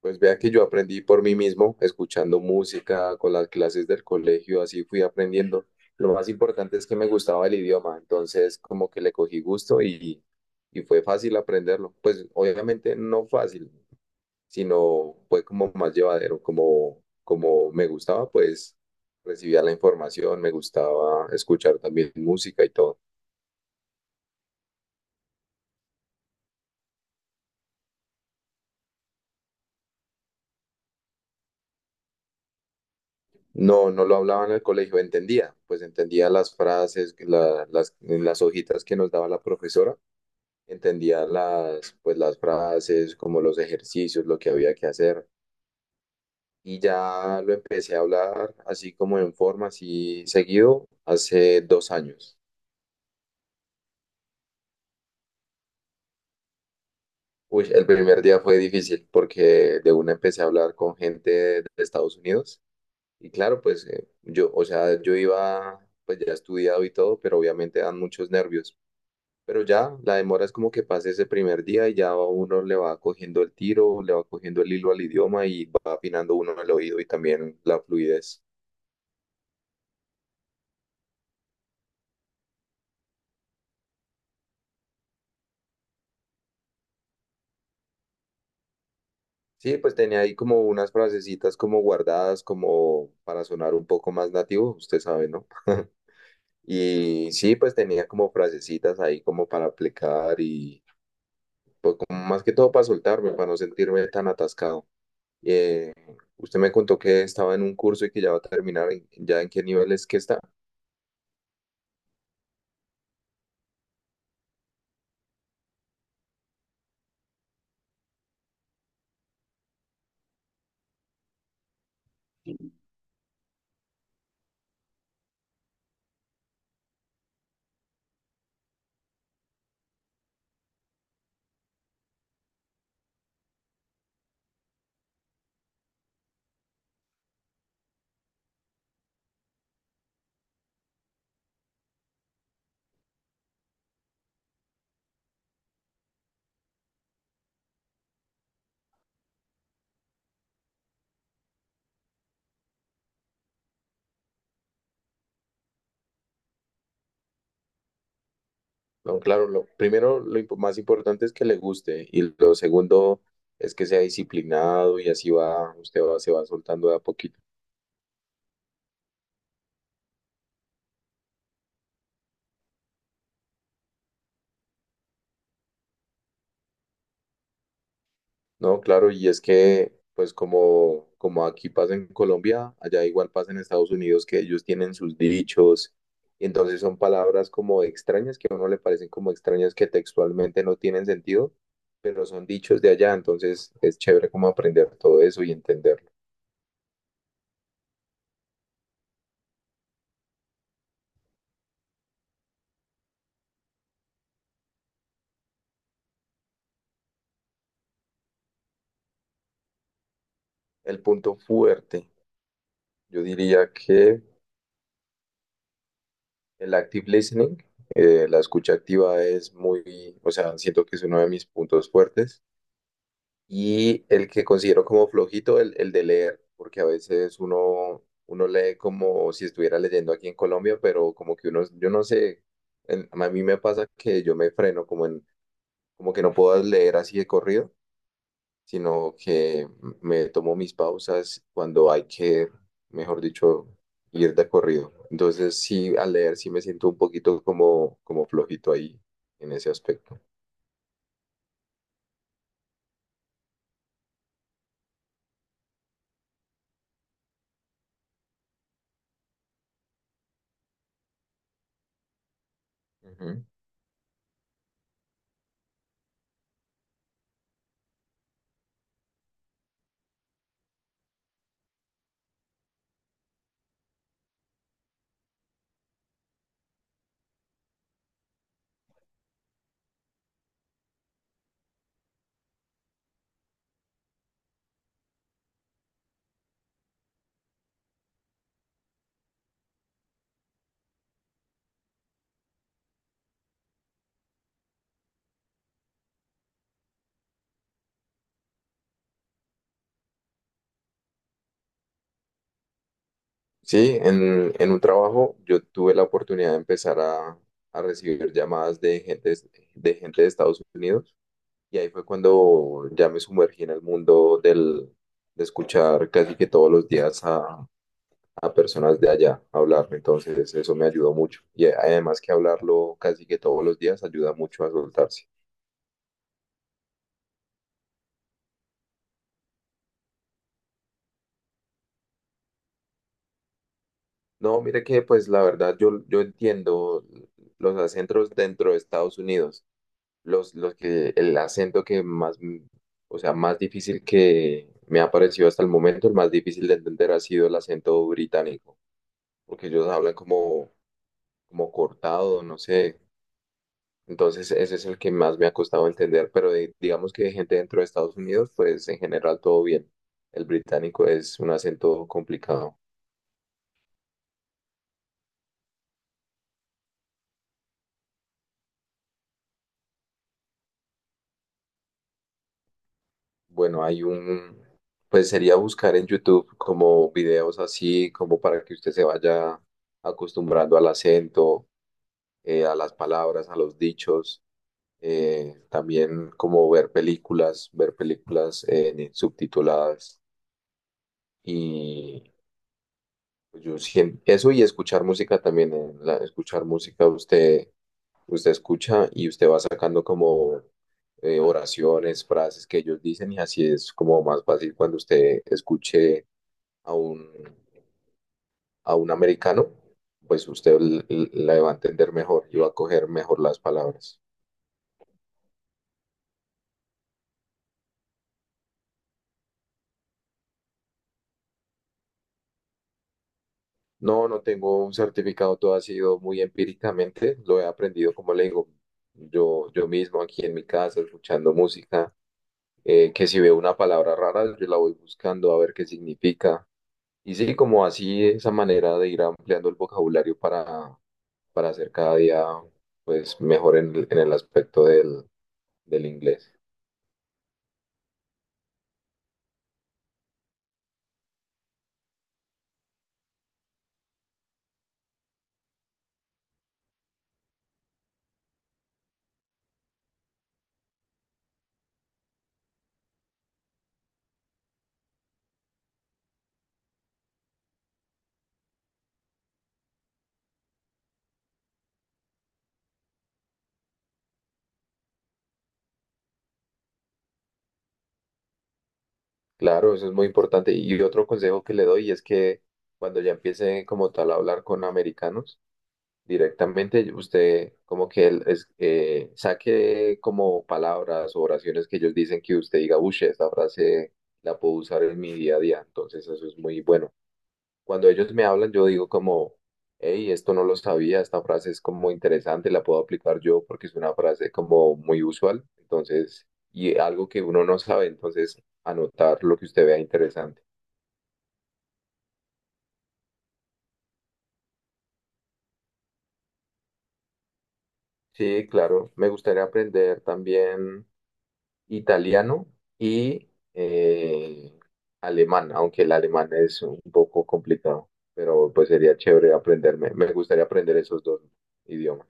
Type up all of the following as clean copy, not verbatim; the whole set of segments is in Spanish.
Pues vea que yo aprendí por mí mismo, escuchando música, con las clases del colegio, así fui aprendiendo. Lo más importante es que me gustaba el idioma, entonces como que le cogí gusto y fue fácil aprenderlo. Pues obviamente no fácil, sino fue como más llevadero, como me gustaba, pues recibía la información, me gustaba escuchar también música y todo. No, no lo hablaba en el colegio, entendía, pues entendía las frases, las hojitas que nos daba la profesora, entendía las, pues, las frases, como los ejercicios, lo que había que hacer. Y ya lo empecé a hablar así como en forma, así seguido, hace 2 años. Uy, el primer día fue difícil porque de una empecé a hablar con gente de Estados Unidos. Y claro, pues yo, o sea, yo iba, pues ya estudiado y todo, pero obviamente dan muchos nervios. Pero ya, la demora es como que pase ese primer día y ya uno le va cogiendo el tiro, le va cogiendo el hilo al idioma y va afinando uno el oído y también la fluidez. Sí, pues tenía ahí como unas frasecitas como guardadas como para sonar un poco más nativo, usted sabe, ¿no? Y sí, pues tenía como frasecitas ahí como para aplicar y pues como más que todo para soltarme, para no sentirme tan atascado. Usted me contó que estaba en un curso y que ya va a terminar, ¿ya en qué niveles que está? No, claro, lo, primero lo impo- más importante, es que le guste, y lo segundo es que sea disciplinado y así va, usted va, se va soltando de a poquito. No, claro, y es que pues como, como aquí pasa en Colombia, allá igual pasa en Estados Unidos, que ellos tienen sus dichos, y entonces son palabras como extrañas, que a uno le parecen como extrañas, que textualmente no tienen sentido, pero son dichos de allá. Entonces es chévere como aprender todo eso y entenderlo. El punto fuerte, yo diría que... el active listening, la escucha activa, es muy, o sea, siento que es uno de mis puntos fuertes. Y el que considero como flojito, el de leer, porque a veces uno lee como si estuviera leyendo aquí en Colombia, pero como que uno, yo no sé, a mí me pasa que yo me freno como que no puedo leer así de corrido, sino que me tomo mis pausas cuando hay que, mejor dicho, ir de corrido. Entonces, sí, al leer sí me siento un poquito como, como flojito ahí en ese aspecto. Ujú. Sí, en un trabajo yo tuve la oportunidad de empezar a recibir llamadas de gente, de gente de Estados Unidos, y ahí fue cuando ya me sumergí en el mundo de escuchar casi que todos los días a personas de allá a hablar. Entonces eso me ayudó mucho. Y además que hablarlo casi que todos los días ayuda mucho a soltarse. No, mire que pues la verdad yo entiendo los acentos dentro de Estados Unidos. El acento que más, o sea, más difícil que me ha parecido hasta el momento, el más difícil de entender, ha sido el acento británico, porque ellos hablan como, como cortado, no sé. Entonces, ese es el que más me ha costado entender, pero digamos que de gente dentro de Estados Unidos, pues en general todo bien. El británico es un acento complicado. Bueno, hay un, pues sería buscar en YouTube como videos así, como para que usted se vaya acostumbrando al acento, a las palabras, a los dichos. También como ver películas subtituladas, pues. Yo sien- eso y escuchar música también. Escuchar música, usted escucha y usted va sacando como oraciones, frases que ellos dicen, y así es como más fácil. Cuando usted escuche a un, a un americano, pues usted la va a entender mejor y va a coger mejor las palabras. No, no tengo un certificado, todo ha sido muy empíricamente, lo he aprendido, como le digo, yo mismo aquí en mi casa, escuchando música. Que si veo una palabra rara, yo la voy buscando a ver qué significa. Y sí, como así, esa manera de ir ampliando el vocabulario para hacer cada día pues mejor en el aspecto del inglés. Claro, eso es muy importante. Y otro consejo que le doy es que cuando ya empiece como tal a hablar con americanos, directamente usted como que él es, saque como palabras o oraciones que ellos dicen, que usted diga, uy, esta frase la puedo usar en mi día a día, entonces eso es muy bueno. Cuando ellos me hablan, yo digo como, hey, esto no lo sabía, esta frase es como interesante, la puedo aplicar yo porque es una frase como muy usual, entonces, y algo que uno no sabe, entonces anotar lo que usted vea interesante. Sí, claro, me gustaría aprender también italiano y alemán, aunque el alemán es un poco complicado, pero pues sería chévere aprenderme. Me gustaría aprender esos dos idiomas.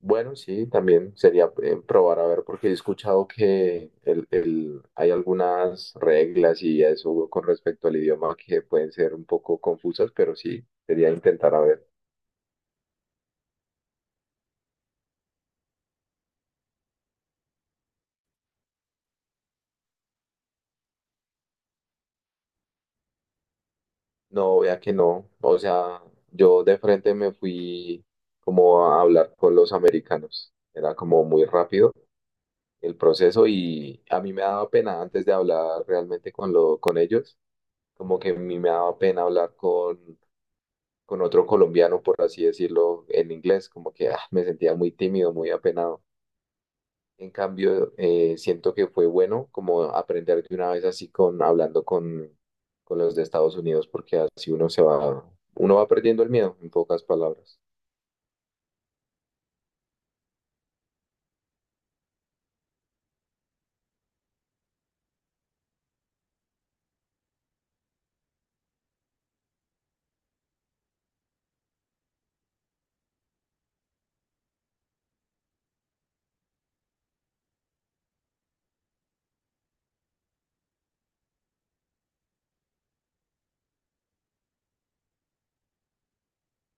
Bueno, sí, también sería probar a ver, porque he escuchado que hay algunas reglas y eso con respecto al idioma que pueden ser un poco confusas, pero sí, sería intentar a ver. No, vea que no. O sea, yo de frente me fui como a hablar con los americanos. Era como muy rápido el proceso y a mí me daba pena antes de hablar realmente con ellos. Como que a mí me daba pena hablar con otro colombiano, por así decirlo, en inglés. Como que ah, me sentía muy tímido, muy apenado. En cambio, siento que fue bueno como aprender de una vez así con hablando con los de Estados Unidos, porque así uno va perdiendo el miedo, en pocas palabras.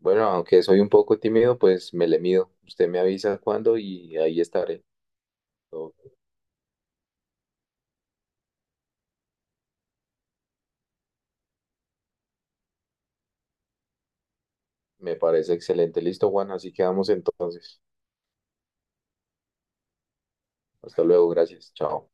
Bueno, aunque soy un poco tímido, pues me le mido. Usted me avisa cuándo y ahí estaré. Ok. Me parece excelente. Listo, Juan, así quedamos entonces. Hasta luego, gracias. Chao.